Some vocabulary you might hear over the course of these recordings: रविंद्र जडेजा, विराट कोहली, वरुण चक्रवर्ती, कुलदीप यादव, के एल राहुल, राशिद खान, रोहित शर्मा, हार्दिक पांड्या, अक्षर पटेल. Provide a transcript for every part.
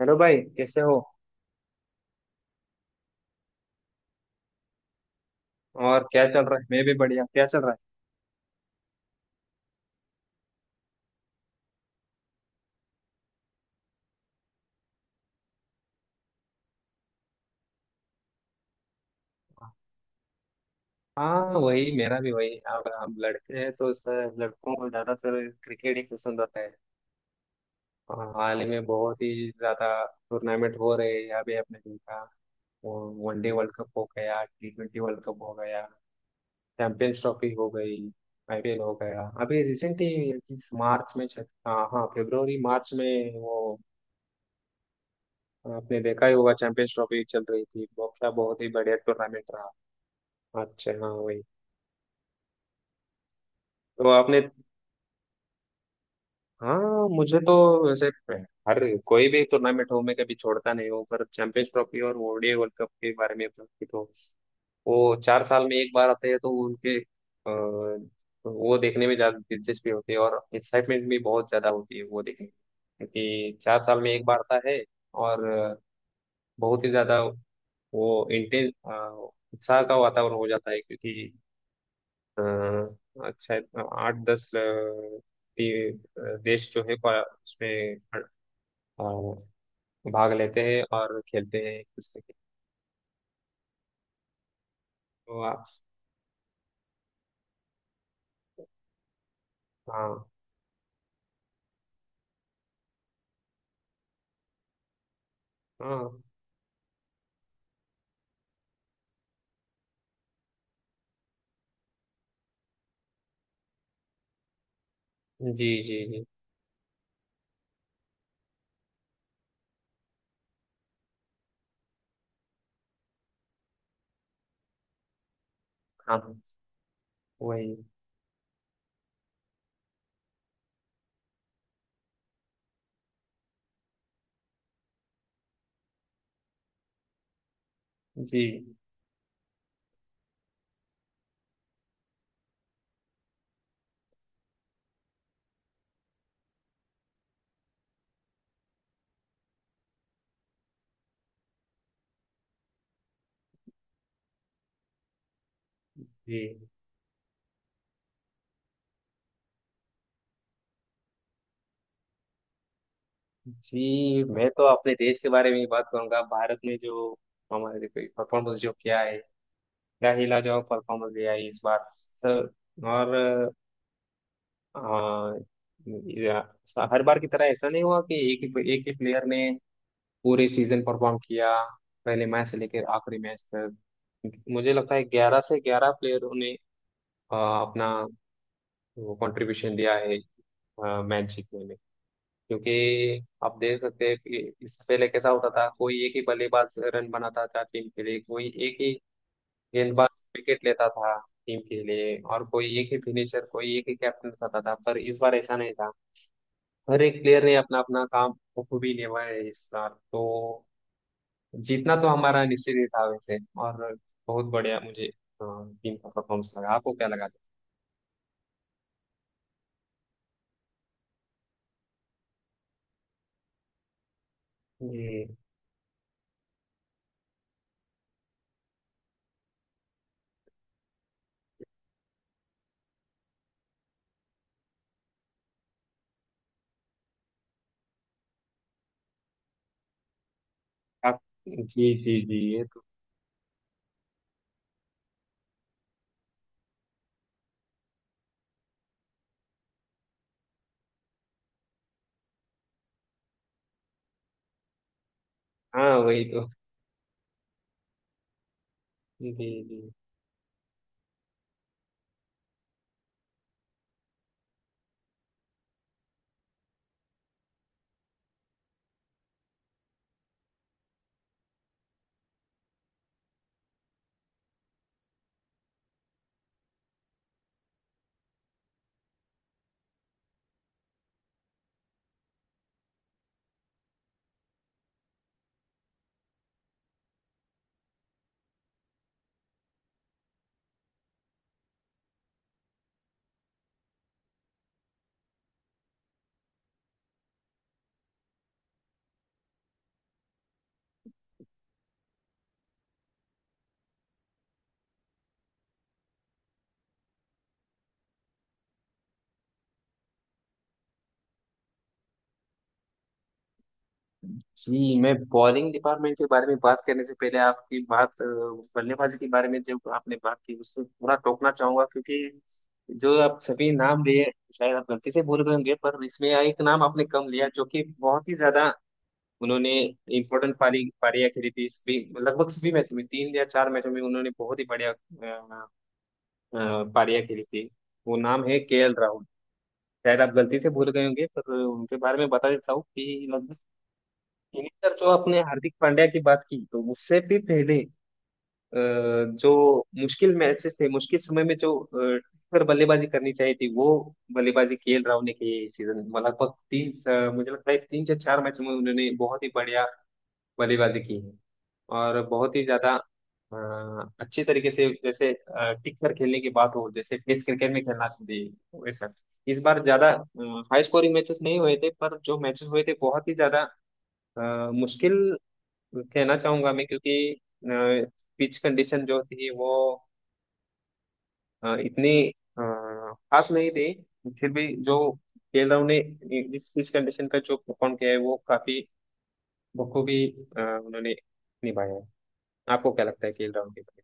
Hello भाई, कैसे हो। और क्या चल रहा है, मैं भी बढ़िया। क्या चल रहा है? हाँ, वही, मेरा भी वही। अब हम लड़के हैं तो सर लड़कों को ज्यादातर क्रिकेट ही पसंद आता है। हाँ, हाल ही में बहुत ही ज्यादा टूर्नामेंट हो रहे हैं अभी, आपने देखा। वनडे वर्ल्ड कप हो गया, T20 वर्ल्ड कप हो गया, चैंपियंस ट्रॉफी हो गई, आईपीएल हो गया अभी रिसेंटली। इस मार्च में चल हाँ, हाँ, फरवरी मार्च में, वो आपने देखा ही होगा, चैंपियंस ट्रॉफी चल रही थी। बहुत क्या, बहुत ही बढ़िया टूर्नामेंट रहा। अच्छा, हाँ वही। तो आपने, हाँ मुझे तो, वैसे, हर कोई भी टूर्नामेंट हो मैं कभी छोड़ता नहीं हूँ, पर चैंपियंस ट्रॉफी और ओडीआई वर्ल्ड कप के बारे में बातचीत हो, वो चार साल में एक बार आते हैं, तो उनके वो देखने में ज्यादा दिलचस्पी होती है और एक्साइटमेंट भी बहुत ज्यादा होती है वो देखने में, क्योंकि चार साल में एक बार आता है। और बहुत ही ज्यादा वो इंटेंस उत्साह का वातावरण हो जाता है, क्योंकि हाँ, आज शायद आठ दस देश जो है उसमें अ, भाग लेते हैं और खेलते हैं एक दूसरे के। तो आप, हाँ हाँ, जी जी जी, हाँ वही। जी जी जी, मैं तो अपने देश के बारे में ही बात करूंगा। भारत ने जो हमारे परफॉर्मेंस जो किया है, क्या ही लाजवाब परफॉर्मेंस दिया है इस बार सर। और हाँ, हर बार की तरह ऐसा नहीं हुआ कि एक ही प्लेयर ने पूरे सीजन परफॉर्म किया पहले मैच से लेकर आखिरी मैच तक। मुझे लगता है ग्यारह से ग्यारह प्लेयरों ने अपना वो कंट्रीब्यूशन दिया है मैच जीतने में। क्योंकि आप देख सकते हैं कि इससे पहले कैसा होता था, कोई एक ही बल्लेबाज रन बनाता था टीम के लिए, कोई एक ही गेंदबाज विकेट लेता था टीम के लिए, और कोई एक ही फिनिशर, कोई एक ही कैप्टन करता था, पर इस बार ऐसा नहीं था। हर एक प्लेयर ने अपना अपना काम बखूबी निभाया है इस बार तो। जीतना तो हमारा निश्चित ही था वैसे। और बहुत बढ़िया मुझे टीम का परफॉर्मेंस लगा। आपको क्या लगा था? जी। आप, जी जी जी, ये तो, हाँ वही तो। जी जी जी, मैं बॉलिंग डिपार्टमेंट के बारे में बात करने से पहले आपकी बात, बल्लेबाजी के बारे में जो आपने बात की उससे थोड़ा टोकना चाहूंगा, क्योंकि जो आप सभी नाम लिए, शायद आप गलती से भूल गए होंगे, पर इसमें एक नाम आपने कम लिया, जो कि बहुत ही ज्यादा उन्होंने इम्पोर्टेंट पारी पारियां खेली थी, सभी लगभग सभी मैचों में, तीन या चार मैचों में उन्होंने बहुत ही बढ़िया पारियां खेली थी। वो नाम है KL राहुल। शायद आप गलती से भूल गए होंगे, पर उनके बारे में बता देता हूँ कि लगभग इनिंग, जो आपने हार्दिक पांड्या की बात की, तो उससे भी पहले जो मुश्किल मैचेस थे, मुश्किल समय में जो पर बल्लेबाजी करनी चाहिए थी वो बल्लेबाजी KL राहुल ने की है इस सीजन। लगभग मुझे लगता है तीन से चार मैच में उन्होंने बहुत ही बढ़िया बल्लेबाजी की है। और बहुत ही ज्यादा अच्छे तरीके से, जैसे टिक कर खेलने की बात हो, जैसे टेस्ट क्रिकेट में खेलना चाहिए वैसा। इस बार ज्यादा हाई स्कोरिंग मैचेस नहीं हुए थे, पर जो मैचेस हुए थे बहुत ही ज्यादा मुश्किल कहना चाहूंगा मैं, क्योंकि पिच कंडीशन जो थी वो इतनी अ, खास नहीं थी। फिर भी जो खेलरों ने इस पिच कंडीशन का जो परफॉर्म किया है वो काफी बखूबी उन्होंने निभाया है। आपको क्या लगता है खेल राहुल के बारे?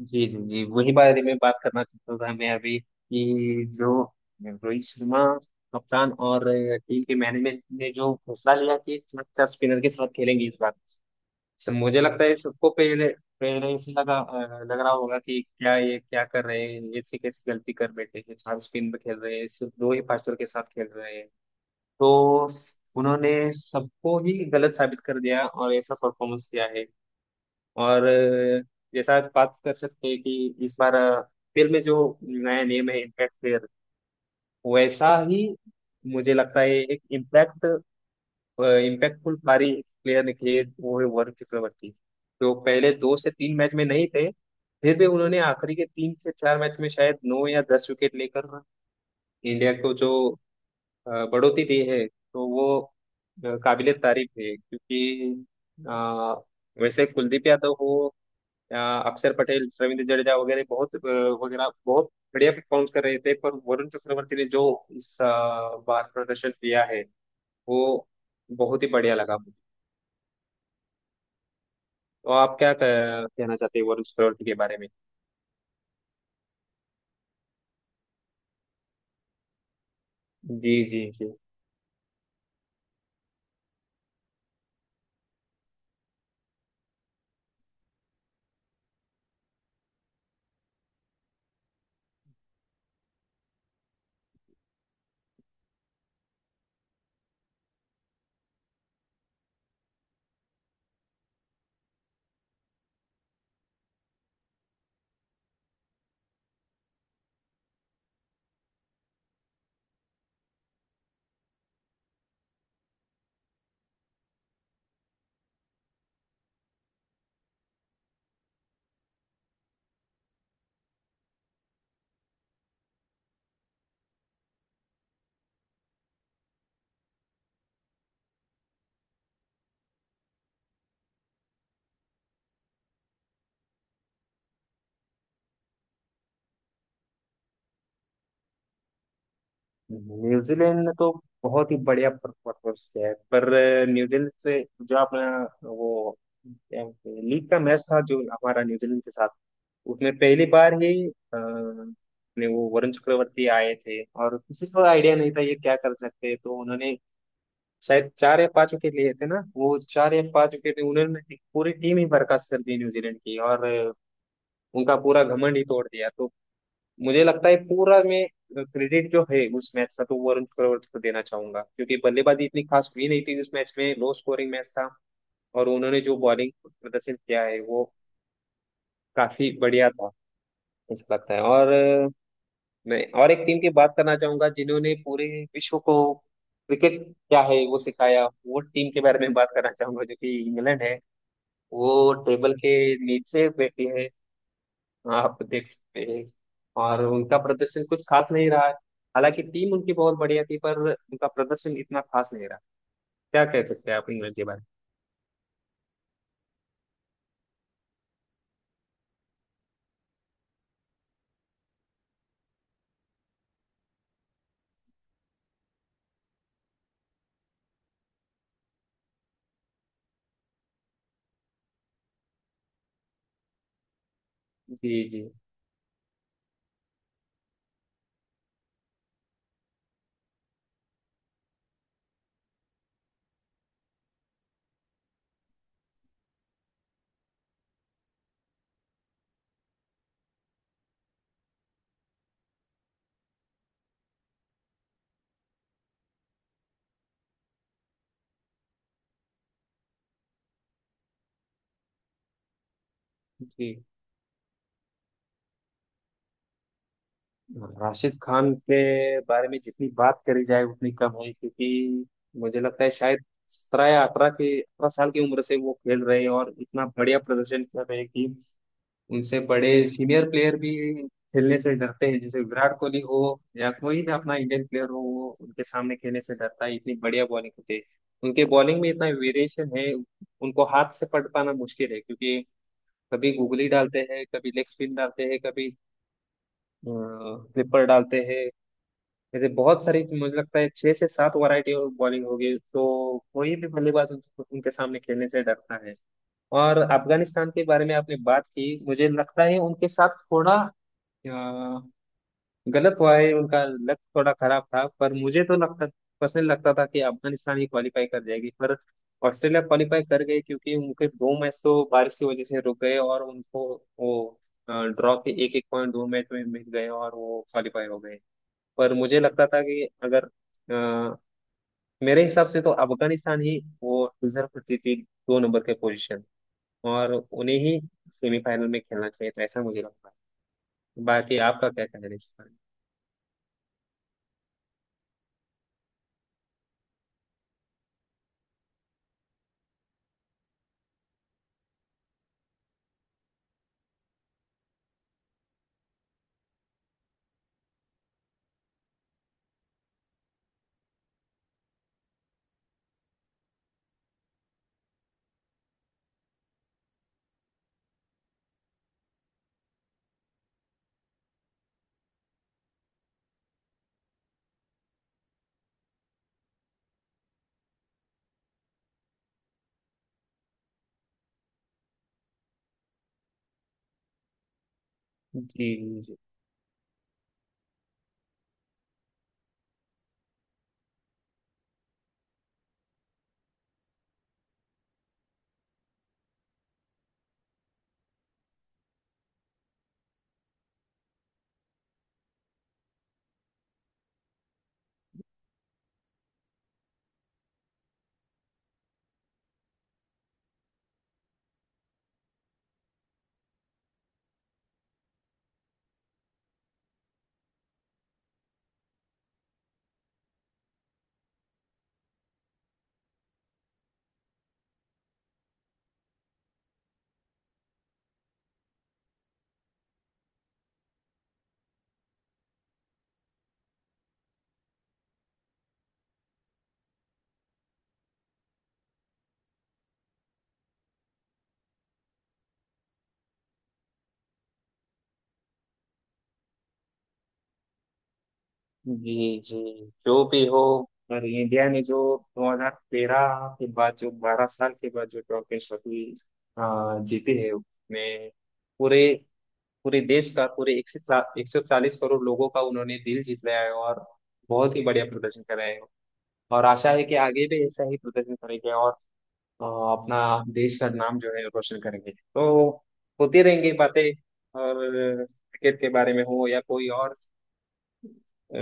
जी जी जी, वही बारे में बात करना चाहता था मैं अभी, कि जो रोहित शर्मा कप्तान और टीम के मैनेजमेंट ने जो फैसला लिया कि चार स्पिनर के साथ खेलेंगे इस बार। तो मुझे लगता है सबको पहले पहले से लग रहा होगा कि क्या ये क्या कर रहे हैं, ये से कैसी गलती कर बैठे हैं, चार स्पिन पे खेल रहे हैं, सिर्फ दो ही फास्टर के साथ खेल रहे हैं। तो उन्होंने सबको ही गलत साबित कर दिया और ऐसा परफॉर्मेंस किया है। और जैसा आप बात कर सकते हैं कि इस बार फिल्म में जो नया नेम है इम्पैक्ट प्लेयर, वैसा ही मुझे लगता है एक इम्पैक्टफुल पारी प्लेयर निकले वो है वरुण चक्रवर्ती। जो पहले दो से तीन मैच में नहीं थे, फिर भी उन्होंने आखिरी के तीन से चार मैच में शायद नौ या दस विकेट लेकर इंडिया को जो बढ़ोतरी दी है, तो वो काबिले तारीफ है। क्योंकि अ, वैसे कुलदीप यादव हो, अ, अक्षर पटेल, रविंद्र जडेजा वगैरह बहुत अ, वगैरह बहुत बढ़िया परफॉर्म कर रहे थे, पर वरुण चक्रवर्ती ने जो इस बार प्रदर्शन किया है वो बहुत ही बढ़िया लगा मुझे। तो आप क्या कहना चाहते हैं वरुण चक्रवर्ती के बारे में? जी जी जी। न्यूजीलैंड ने तो बहुत ही बढ़िया परफॉर्मेंस किया है, पर न्यूजीलैंड से जो अपना वो लीग का मैच था जो हमारा न्यूजीलैंड के साथ, उसमें पहली बार ही अपने वो वरुण चक्रवर्ती आए थे और किसी को आइडिया नहीं था ये क्या कर सकते हैं। तो उन्होंने शायद चार या पांच विकेट लिए थे ना, वो चार या पांच विकेट उन्होंने, पूरी टीम ही बर्खास्त कर दी न्यूजीलैंड की, और उनका पूरा घमंड ही तोड़ दिया। तो मुझे लगता है पूरा मैं क्रेडिट जो है उस मैच का तो वरुण चक्रवर्ती को देना चाहूंगा, क्योंकि बल्लेबाजी इतनी खास हुई नहीं थी उस मैच में, लो स्कोरिंग मैच था। और उन्होंने जो बॉलिंग प्रदर्शन किया है वो काफी बढ़िया था मुझे लगता है। और मैं और एक टीम की बात करना चाहूंगा, जिन्होंने पूरे विश्व को क्रिकेट क्या है वो सिखाया। वो टीम के बारे में बात करना चाहूंगा जो कि इंग्लैंड है। वो टेबल के नीचे बैठी है, आप देख सकते हैं, और उनका प्रदर्शन कुछ खास नहीं रहा है। हालांकि टीम उनकी बहुत बढ़िया थी, पर उनका प्रदर्शन इतना खास नहीं रहा। क्या कह सकते हैं आप इंग्लैंड के बारे में? जी जी जी। राशिद खान के बारे में जितनी बात करी जाए उतनी कम है, क्योंकि मुझे लगता है शायद 17 या 18 के, 18 साल की उम्र से वो खेल रहे हैं और इतना बढ़िया प्रदर्शन कर रहे हैं कि उनसे बड़े सीनियर प्लेयर भी खेलने से डरते हैं। जैसे विराट कोहली हो या कोई भी अपना इंडियन प्लेयर हो, वो उनके सामने खेलने से डरता है, इतनी बढ़िया बॉलिंग होती है। उनके बॉलिंग में इतना वेरिएशन है, उनको हाथ से पकड़ पाना मुश्किल है, क्योंकि कभी गुगली डालते हैं, कभी लेग स्पिन डालते हैं, कभी फ्लिपर डालते हैं। जैसे बहुत सारी, मुझे लगता है छह से सात वैरायटी ऑफ बॉलिंग होगी, तो कोई भी बल्लेबाज उनके सामने खेलने से डरता है। और अफगानिस्तान के बारे में आपने बात की, मुझे लगता है उनके साथ थोड़ा, हाँ, गलत हुआ है, उनका लक थोड़ा खराब था। पर मुझे तो लगता, पर्सनली लगता था कि अफगानिस्तान ही क्वालिफाई कर जाएगी, पर ऑस्ट्रेलिया क्वालिफाई कर गई, क्योंकि उनके दो मैच तो बारिश की वजह से रुक गए और उनको वो ड्रॉ के एक एक पॉइंट दो मैच में मिल गए और वो क्वालिफाई हो गए। पर मुझे लगता था कि अगर अ, मेरे हिसाब से तो अफगानिस्तान ही वो डिजर्व करती थी दो नंबर के पोजीशन, और उन्हें ही सेमीफाइनल में खेलना चाहिए था, ऐसा मुझे लगता है। बाकी आपका क्या कहना है इस पर? जी जी जी जी, जो भी हो, पर इंडिया ने जो 2013 के बाद, जो 12 साल के बाद जो ट्रॉफी ट्रॉफी जीती है, उसमें पूरे पूरे देश का, पूरे एक सौ चालीस करोड़ लोगों का उन्होंने दिल जीत लिया है, और बहुत ही बढ़िया प्रदर्शन कर रहे हैं। और आशा है कि आगे भी ऐसा ही प्रदर्शन करेंगे और अपना देश का नाम जो है रोशन करेंगे। तो होती रहेंगी बातें, और क्रिकेट के बारे में हो या कोई और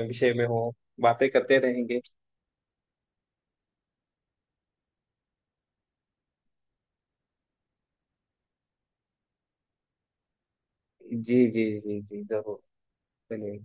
विषय में हो, बातें करते रहेंगे। जी जी जी जी जरूर। चलिए।